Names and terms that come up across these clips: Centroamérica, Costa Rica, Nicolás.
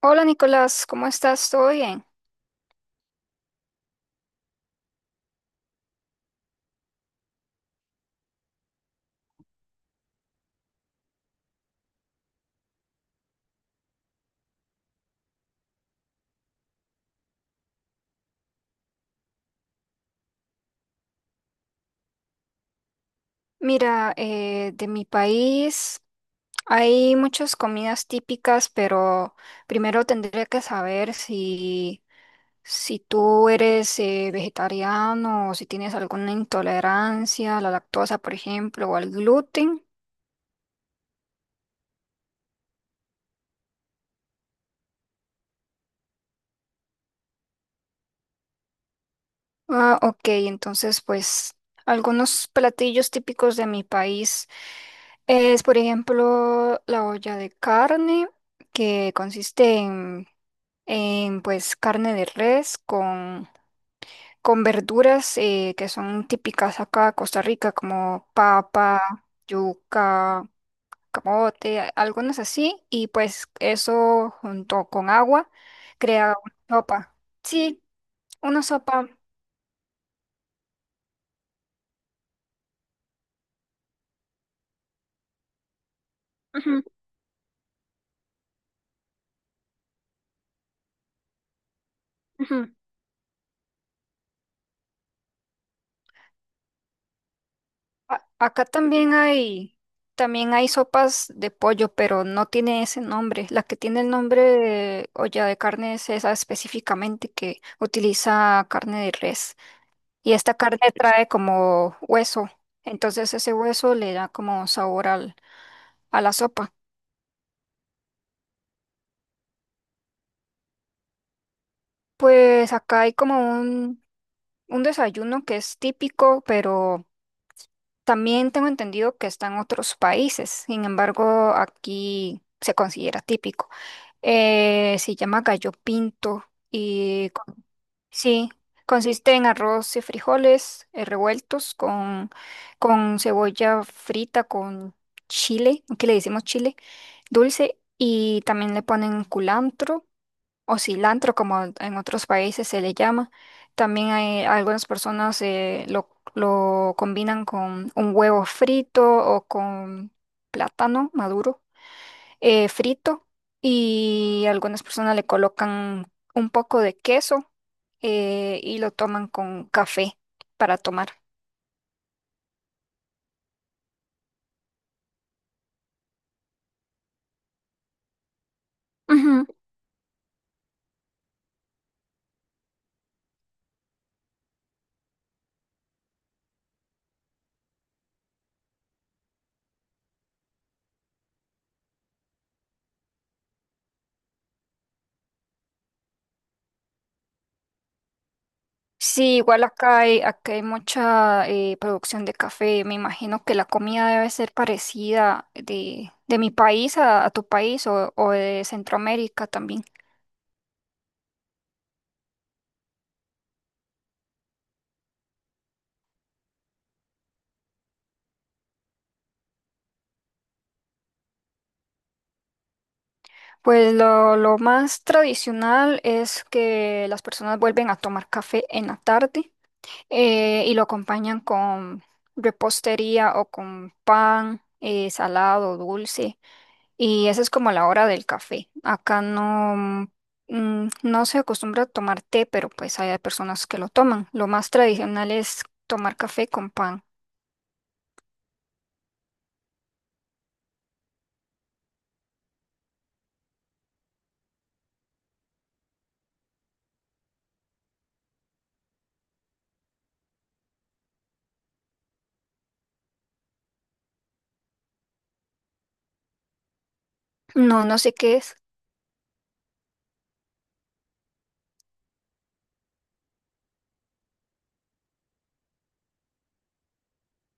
Hola Nicolás, ¿cómo estás? ¿Todo bien? Mira, de mi país hay muchas comidas típicas, pero primero tendría que saber si tú eres vegetariano o si tienes alguna intolerancia a la lactosa, por ejemplo, o al gluten. Ah, ok, entonces pues algunos platillos típicos de mi país es, por ejemplo, la olla de carne, que consiste en pues carne de res con verduras que son típicas acá de Costa Rica, como papa, yuca, camote, algunas así, y pues eso junto con agua crea una sopa. Sí, una sopa. Ujú, ujú. Acá también hay sopas de pollo, pero no tiene ese nombre. La que tiene el nombre de olla de carne es esa específicamente que utiliza carne de res. Y esta carne trae como hueso, entonces ese hueso le da como sabor a la sopa. Pues acá hay como un desayuno que es típico, pero también tengo entendido que está en otros países. Sin embargo, aquí se considera típico. Se llama gallo pinto y con- sí, consiste en arroz y frijoles revueltos con cebolla frita, con chile, aquí le decimos chile dulce y también le ponen culantro o cilantro, como en otros países se le llama. También hay algunas personas lo combinan con un huevo frito o con plátano maduro frito y algunas personas le colocan un poco de queso y lo toman con café para tomar. Sí, igual acá hay mucha producción de café. Me imagino que la comida debe ser parecida de mi país a tu país o de Centroamérica también. Pues lo más tradicional es que las personas vuelven a tomar café en la tarde y lo acompañan con repostería o con pan salado, dulce. Y esa es como la hora del café. Acá no, mm, no se acostumbra a tomar té, pero pues hay personas que lo toman. Lo más tradicional es tomar café con pan. No, no sé qué es.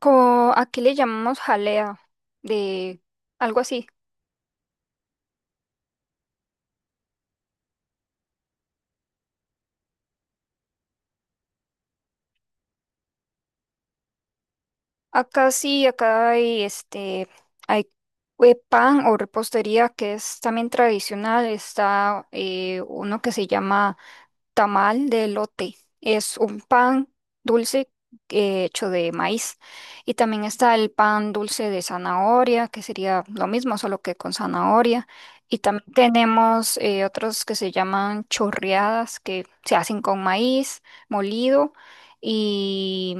Como aquí le llamamos jalea, de algo así. Acá sí, acá hay este, hay pan o repostería que es también tradicional. Está uno que se llama tamal de elote, es un pan dulce hecho de maíz. Y también está el pan dulce de zanahoria, que sería lo mismo, solo que con zanahoria. Y también tenemos otros que se llaman chorreadas, que se hacen con maíz molido y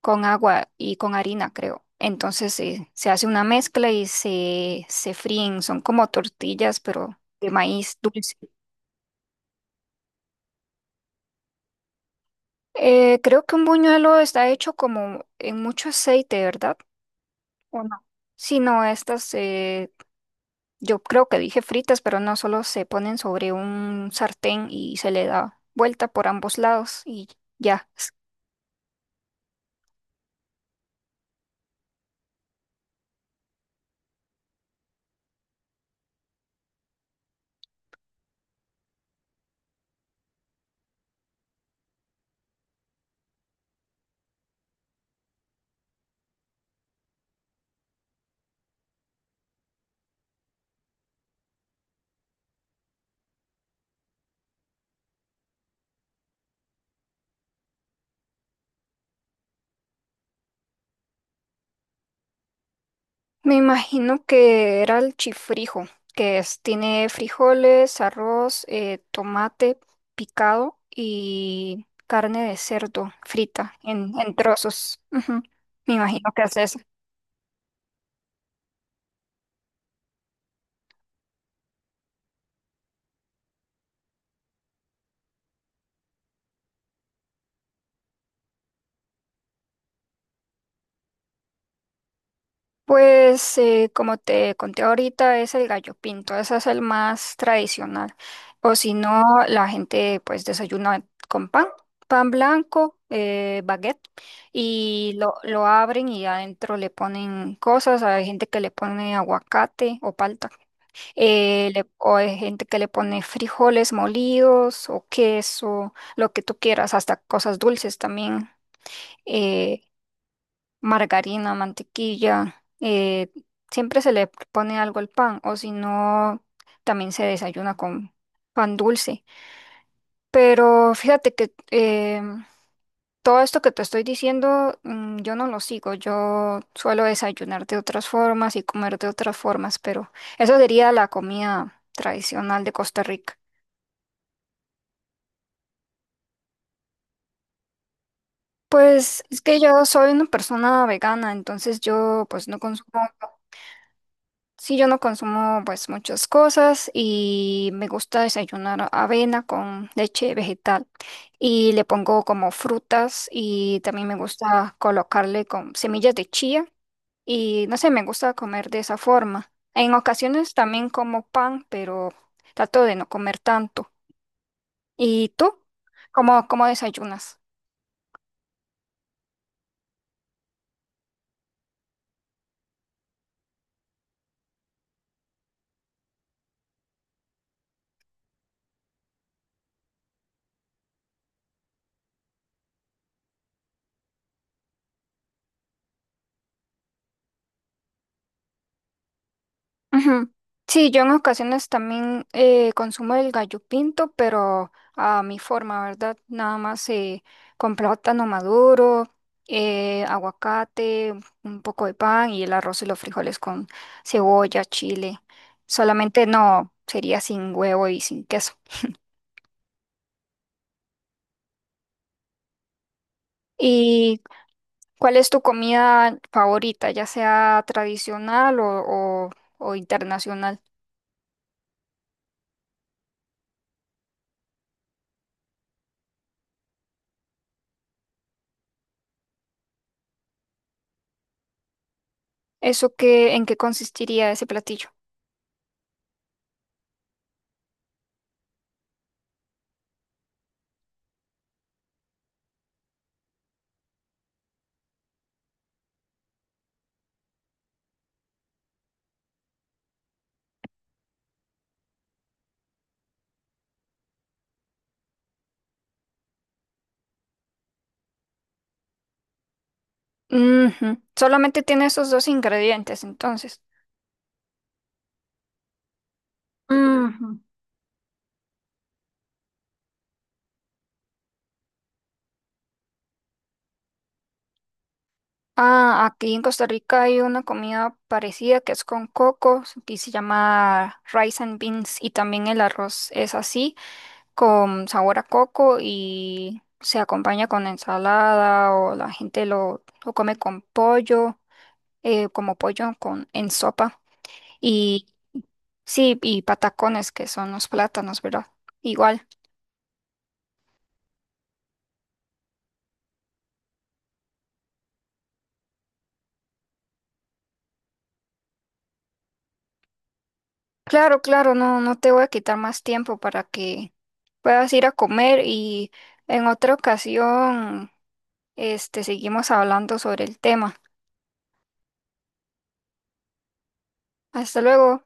con agua y con harina, creo. Entonces se hace una mezcla y se fríen. Son como tortillas, pero de maíz dulce. Creo que un buñuelo está hecho como en mucho aceite, ¿verdad? ¿O no? Sí, no, estas yo creo que dije fritas, pero no, solo se ponen sobre un sartén y se le da vuelta por ambos lados y ya. Me imagino que era el chifrijo, que es, tiene frijoles, arroz, tomate picado y carne de cerdo frita en trozos. Ujú. Me imagino que es eso. Pues como te conté ahorita es el gallo pinto, ese es el más tradicional. O si no, la gente pues desayuna con pan, pan blanco, baguette, y lo abren y adentro le ponen cosas. Hay gente que le pone aguacate o palta, o hay gente que le pone frijoles molidos o queso, lo que tú quieras, hasta cosas dulces también. eh, Margarina, mantequilla, siempre se le pone algo al pan o si no, también se desayuna con pan dulce. Pero fíjate que todo esto que te estoy diciendo, mm, yo no lo sigo, yo suelo desayunar de otras formas y comer de otras formas, pero eso sería la comida tradicional de Costa Rica. Pues es que yo soy una persona vegana, entonces yo pues no consumo. Sí, yo no consumo pues muchas cosas y me gusta desayunar avena con leche vegetal y le pongo como frutas y también me gusta colocarle con semillas de chía y no sé, me gusta comer de esa forma. En ocasiones también como pan, pero trato de no comer tanto. ¿Y tú? ¿Cómo, cómo desayunas? Ujú. Sí, yo en ocasiones también consumo el gallo pinto, pero a mi forma, ¿verdad? Nada más con plátano maduro, aguacate, un poco de pan y el arroz y los frijoles con cebolla, chile. Solamente no, sería sin huevo y sin queso. ¿Y cuál es tu comida favorita, ya sea tradicional o internacional? ¿Eso qué, en qué consistiría ese platillo? Ujú. Solamente tiene esos dos ingredientes, entonces. Ujú. Ah, aquí en Costa Rica hay una comida parecida que es con coco y se llama rice and beans y también el arroz es así, con sabor a coco y se acompaña con ensalada o la gente lo come con pollo, como pollo con, en sopa y sí, y patacones que son los plátanos, ¿verdad? Igual. Claro, claro, no, no te voy a quitar más tiempo para que puedas ir a comer y en otra ocasión, este, seguimos hablando sobre el tema. Hasta luego.